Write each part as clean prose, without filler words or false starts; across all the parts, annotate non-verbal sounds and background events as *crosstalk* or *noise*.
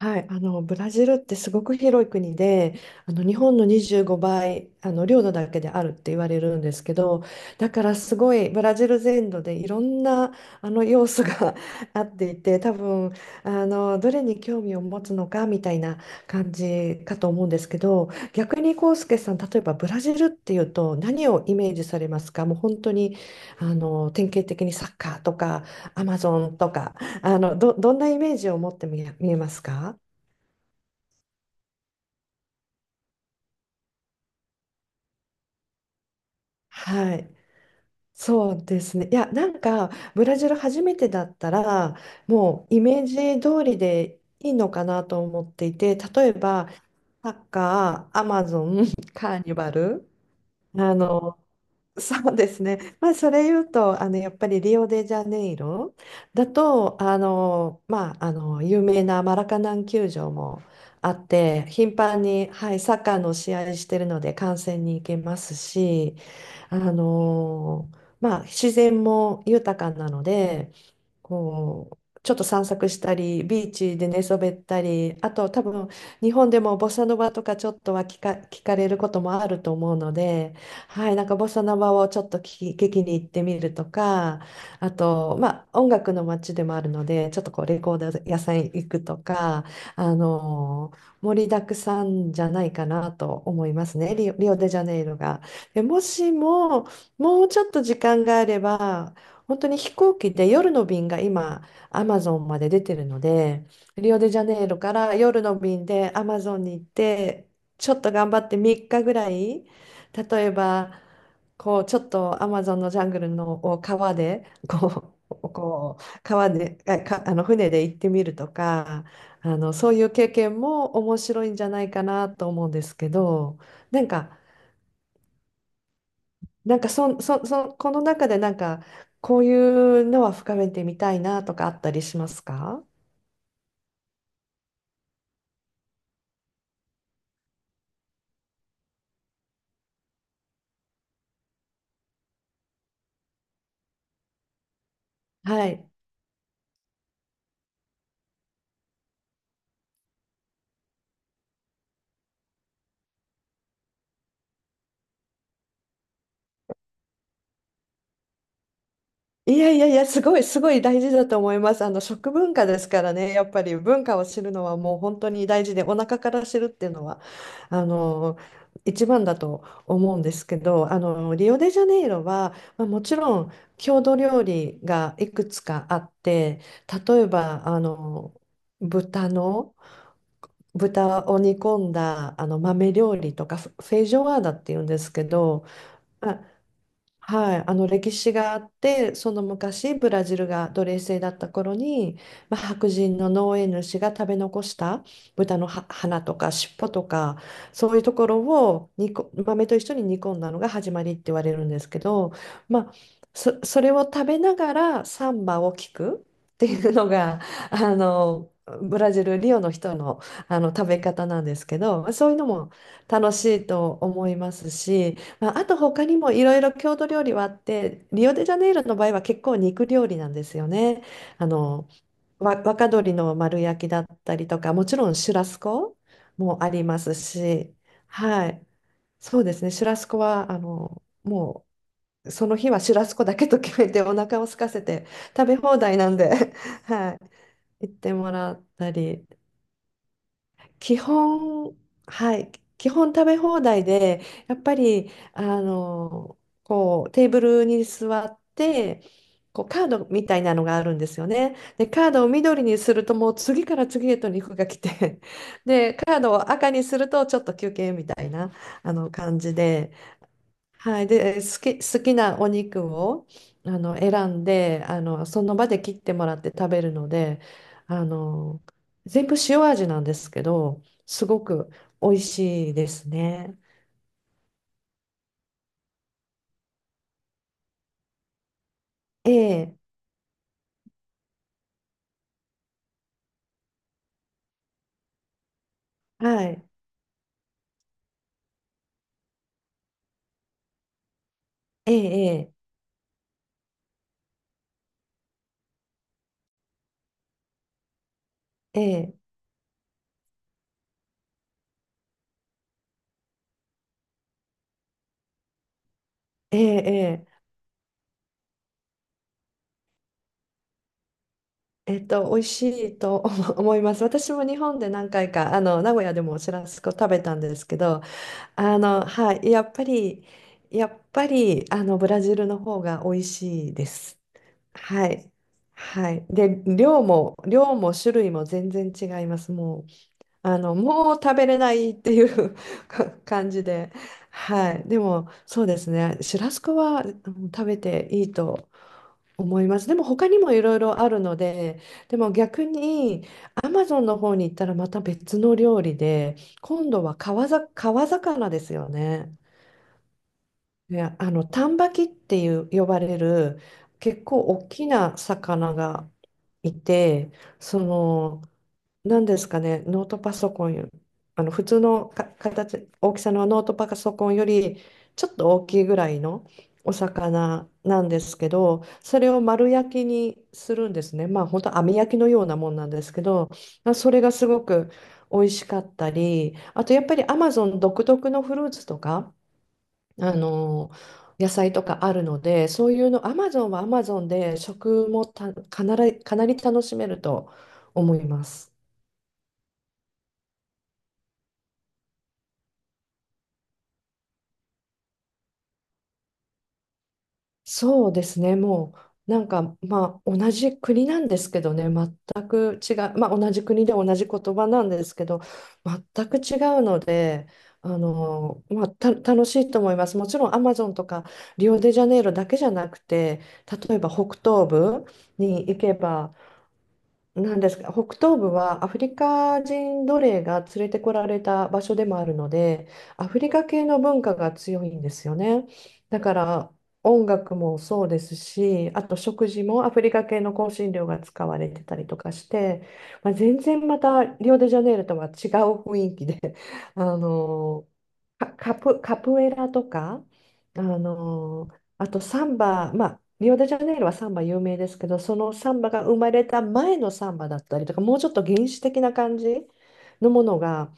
はい、ブラジルってすごく広い国で日本の25倍領土だけであるって言われるんですけど、だからすごいブラジル全土でいろんな要素が *laughs* あっていて、多分どれに興味を持つのかみたいな感じかと思うんですけど、逆にコウスケさん、例えばブラジルっていうと何をイメージされますか？もう本当に典型的にサッカーとかアマゾンとかどんなイメージを持って見えますか？はい。そうですね。ブラジル初めてだったら、もうイメージ通りでいいのかなと思っていて、例えば、サッカー、アマゾン、カーニバル、あの、そうですね。*laughs* まあ、それ言うと、やっぱりリオデジャネイロだと、有名なマラカナン球場もあって、頻繁に、はい、サッカーの試合してるので観戦に行けますし、まあ、自然も豊かなので、こう、ちょっと散策したり、ビーチで寝そべったり、あと多分日本でもボサノバとかちょっとは聞かれることもあると思うので、はい、なんかボサノバをちょっと聞きに行ってみるとか、あと、まあ、音楽の街でもあるので、ちょっとこうレコード屋さん行くとか、盛りだくさんじゃないかなと思いますね、リオデジャネイロが。で、もしも、もうちょっと時間があれば、本当に飛行機で夜の便が今、アマゾンまで出てるので、リオデジャネイロから夜の便でアマゾンに行って、ちょっと頑張って3日ぐらい、例えば、こう、ちょっとアマゾンのジャングルのを川で、こう、こう川で、あ、か、あの船で行ってみるとか、そういう経験も面白いんじゃないかなと思うんですけど、なんか、そこの中でなんか、こういうのは深めてみたいなとかあったりしますか？はい。いやいやいや、すごい大事だと思います。あの、食文化ですからね、やっぱり文化を知るのはもう本当に大事で、お腹から知るっていうのは、あの、一番だと思うんですけど、あの、リオデジャネイロは、まあ、もちろん郷土料理がいくつかあって、例えば、豚の、豚を煮込んだあの豆料理とかフェイジョアーダっていうんですけど、まあ、はい、あの歴史があって、その昔ブラジルが奴隷制だった頃に、まあ、白人の農園主が食べ残した豚のは鼻とか尻尾とかそういうところを豆と一緒に煮込んだのが始まりって言われるんですけど、まあ、それを食べながらサンバを聞くっていうのがあのブラジルリオの人の、あの食べ方なんですけど、まあそういうのも楽しいと思いますし。まあ、あと他にもいろいろ郷土料理はあって、リオデジャネイロの場合は結構肉料理なんですよね。あの、若鶏の丸焼きだったりとか、もちろんシュラスコもありますし、はい。そうですね、シュラスコは、あの、もうその日はシュラスコだけと決めてお腹を空かせて食べ放題なんで、*laughs* はい。行ってもらったり。基本、はい、基本食べ放題で、やっぱり、あの、こう、テーブルに座って、こう、カードみたいなのがあるんですよね。で、カードを緑にすると、もう次から次へと肉が来て、*laughs* で、カードを赤にすると、ちょっと休憩みたいな、あの、感じで、はい、で、好きなお肉をあの選んで、あの、その場で切ってもらって食べるので、あの全部塩味なんですけど、すごく美味しいですね。ええ、はい、ええ、ええ、ええ、ええ、えっと、美味しいと *laughs* 思います。私も日本で何回か、あの名古屋でもシュラスコ食べたんですけど、あの、はい、やっぱりあのブラジルの方が美味しいです。はい。はい。で、量も種類も全然違います。もう、あの、もう食べれないっていう *laughs* か感じで。はい。でも、そうですね。シュラスコはうん食べていいと思います。でも、他にもいろいろあるので、でも逆に、アマゾンの方に行ったらまた別の料理で、今度は川魚ですよね。ね、あの、丹波木っていう呼ばれる結構大きな魚がいて、その、何ですかね、ノートパソコンよ、あの普通のか形、大きさのノートパソコンよりちょっと大きいぐらいのお魚なんですけど、それを丸焼きにするんですね。まあ本当網焼きのようなもんなんですけど、まあそれがすごく美味しかったり、あとやっぱりアマゾン独特のフルーツとか、あの野菜とかあるので、そういうの、アマゾンはアマゾンで食もたかなり、かなり楽しめると思います。そうですね、もうなんかまあ同じ国なんですけどね、全く違う、まあ同じ国で同じ言葉なんですけど、全く違うので、あのまあ、楽しいと思います。もちろんアマゾンとかリオデジャネイロだけじゃなくて、例えば北東部に行けば、なんですが、北東部はアフリカ人奴隷が連れてこられた場所でもあるので、アフリカ系の文化が強いんですよね。だから音楽もそうですし、あと食事もアフリカ系の香辛料が使われてたりとかして、まあ、全然またリオデジャネイロとは違う雰囲気で、*laughs* あのカプエラとか、あのあとサンバ、まあ、リオデジャネイロはサンバ有名ですけど、そのサンバが生まれた前のサンバだったりとか、もうちょっと原始的な感じのものが、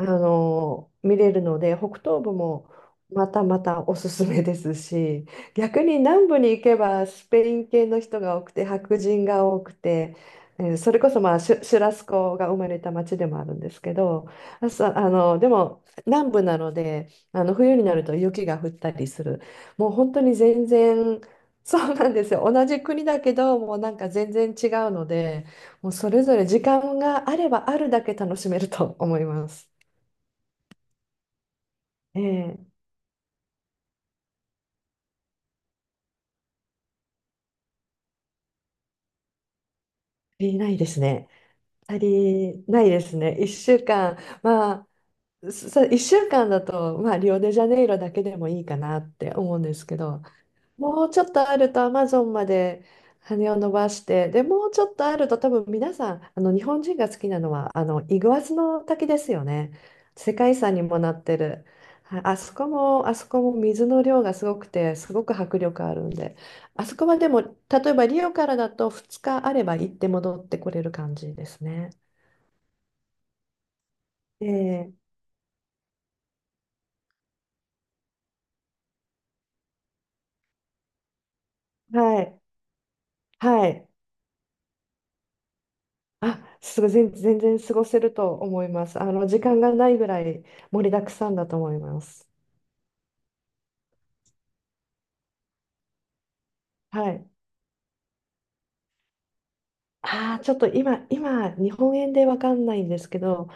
あの見れるので北東部もまたまたおすすめですし、 *laughs* 逆に南部に行けばスペイン系の人が多くて白人が多くて、えーそれこそ、まあ、シュラスコが生まれた町でもあるんですけど、あのでも南部なのであの冬になると雪が降ったりする、もう本当に全然 *laughs* そうなんですよ、同じ国だけどもうなんか全然違うので、もうそれぞれ時間があればあるだけ楽しめると思います。ええ、足りないですね。足りないですね。1週間、ま1週間だと、まあ、リオデジャネイロだけでもいいかなって思うんですけど、もうちょっとあるとアマゾンまで羽を伸ばして、で、もうちょっとあると多分皆さん、あの日本人が好きなのはあのイグアスの滝ですよね。世界遺産にもなってる。はい、あそこも水の量がすごくて、すごく迫力あるんで、あそこはでも、例えばリオからだと2日あれば行って戻ってこれる感じですね。ええはい、はい。あ、すごい、全然過ごせると思います。あの、時間がないぐらい盛りだくさんだと思います。はい。ああ、ちょっと今、日本円でわかんないんですけど、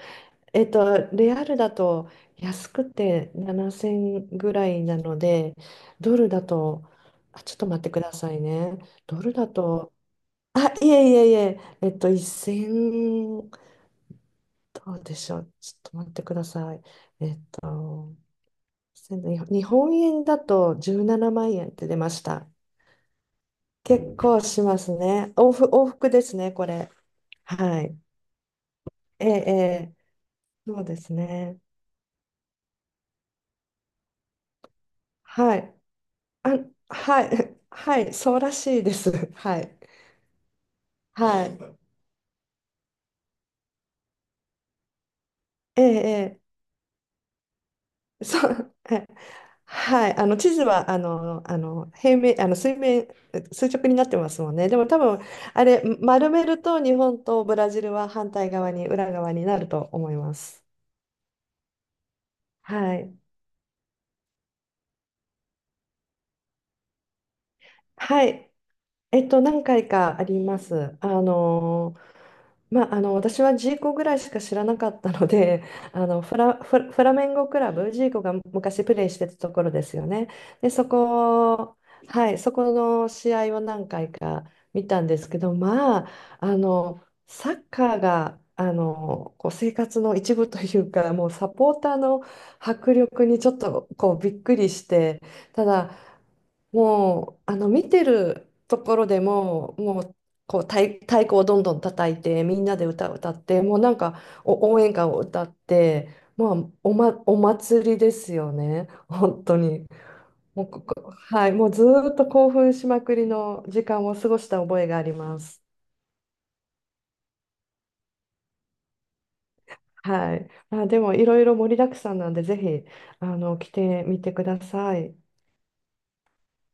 えっと、レアルだと安くて7000ぐらいなので、ドルだと、あ、ちょっと待ってくださいね。ドルだと、あ、いえいえいえ、えっと、1000、どうでしょう。ちょっと待ってください。せん日本円だと17万円って出ました。結構しますね。往復ですね、これ。はい。ええ、ええそうですね。はい。あ、はい。*laughs* はい。そうらしいです。*laughs* はい。はい。ええ、ええ *laughs* そう。*laughs* ええはい。あの、地図は、平面、あの、水面、垂直になってますもんね。でも多分、あれ、丸めると日本とブラジルは反対側に、裏側になると思います。はい。はい。えっと、何回かあります。あの、まあ、あの私はジーコぐらいしか知らなかったので、 *laughs* あのフラメンゴクラブ、ジーコが昔プレーしてたところですよね。でそこ、はい、そこの試合を何回か見たんですけど、まああのサッカーがあのこう生活の一部というか、もうサポーターの迫力にちょっとこうびっくりして、ただもうあの見てるところでも、もうこう太鼓をどんどん叩いてみんなで歌を歌って、もうなんかお応援歌を歌って、もうお、ま、お祭りですよね、本当に。もうここ、はい、もうずーっと興奮しまくりの時間を過ごした覚えがあります。はい、まあ、でもいろいろ盛りだくさんなんで、ぜひあの来てみてください。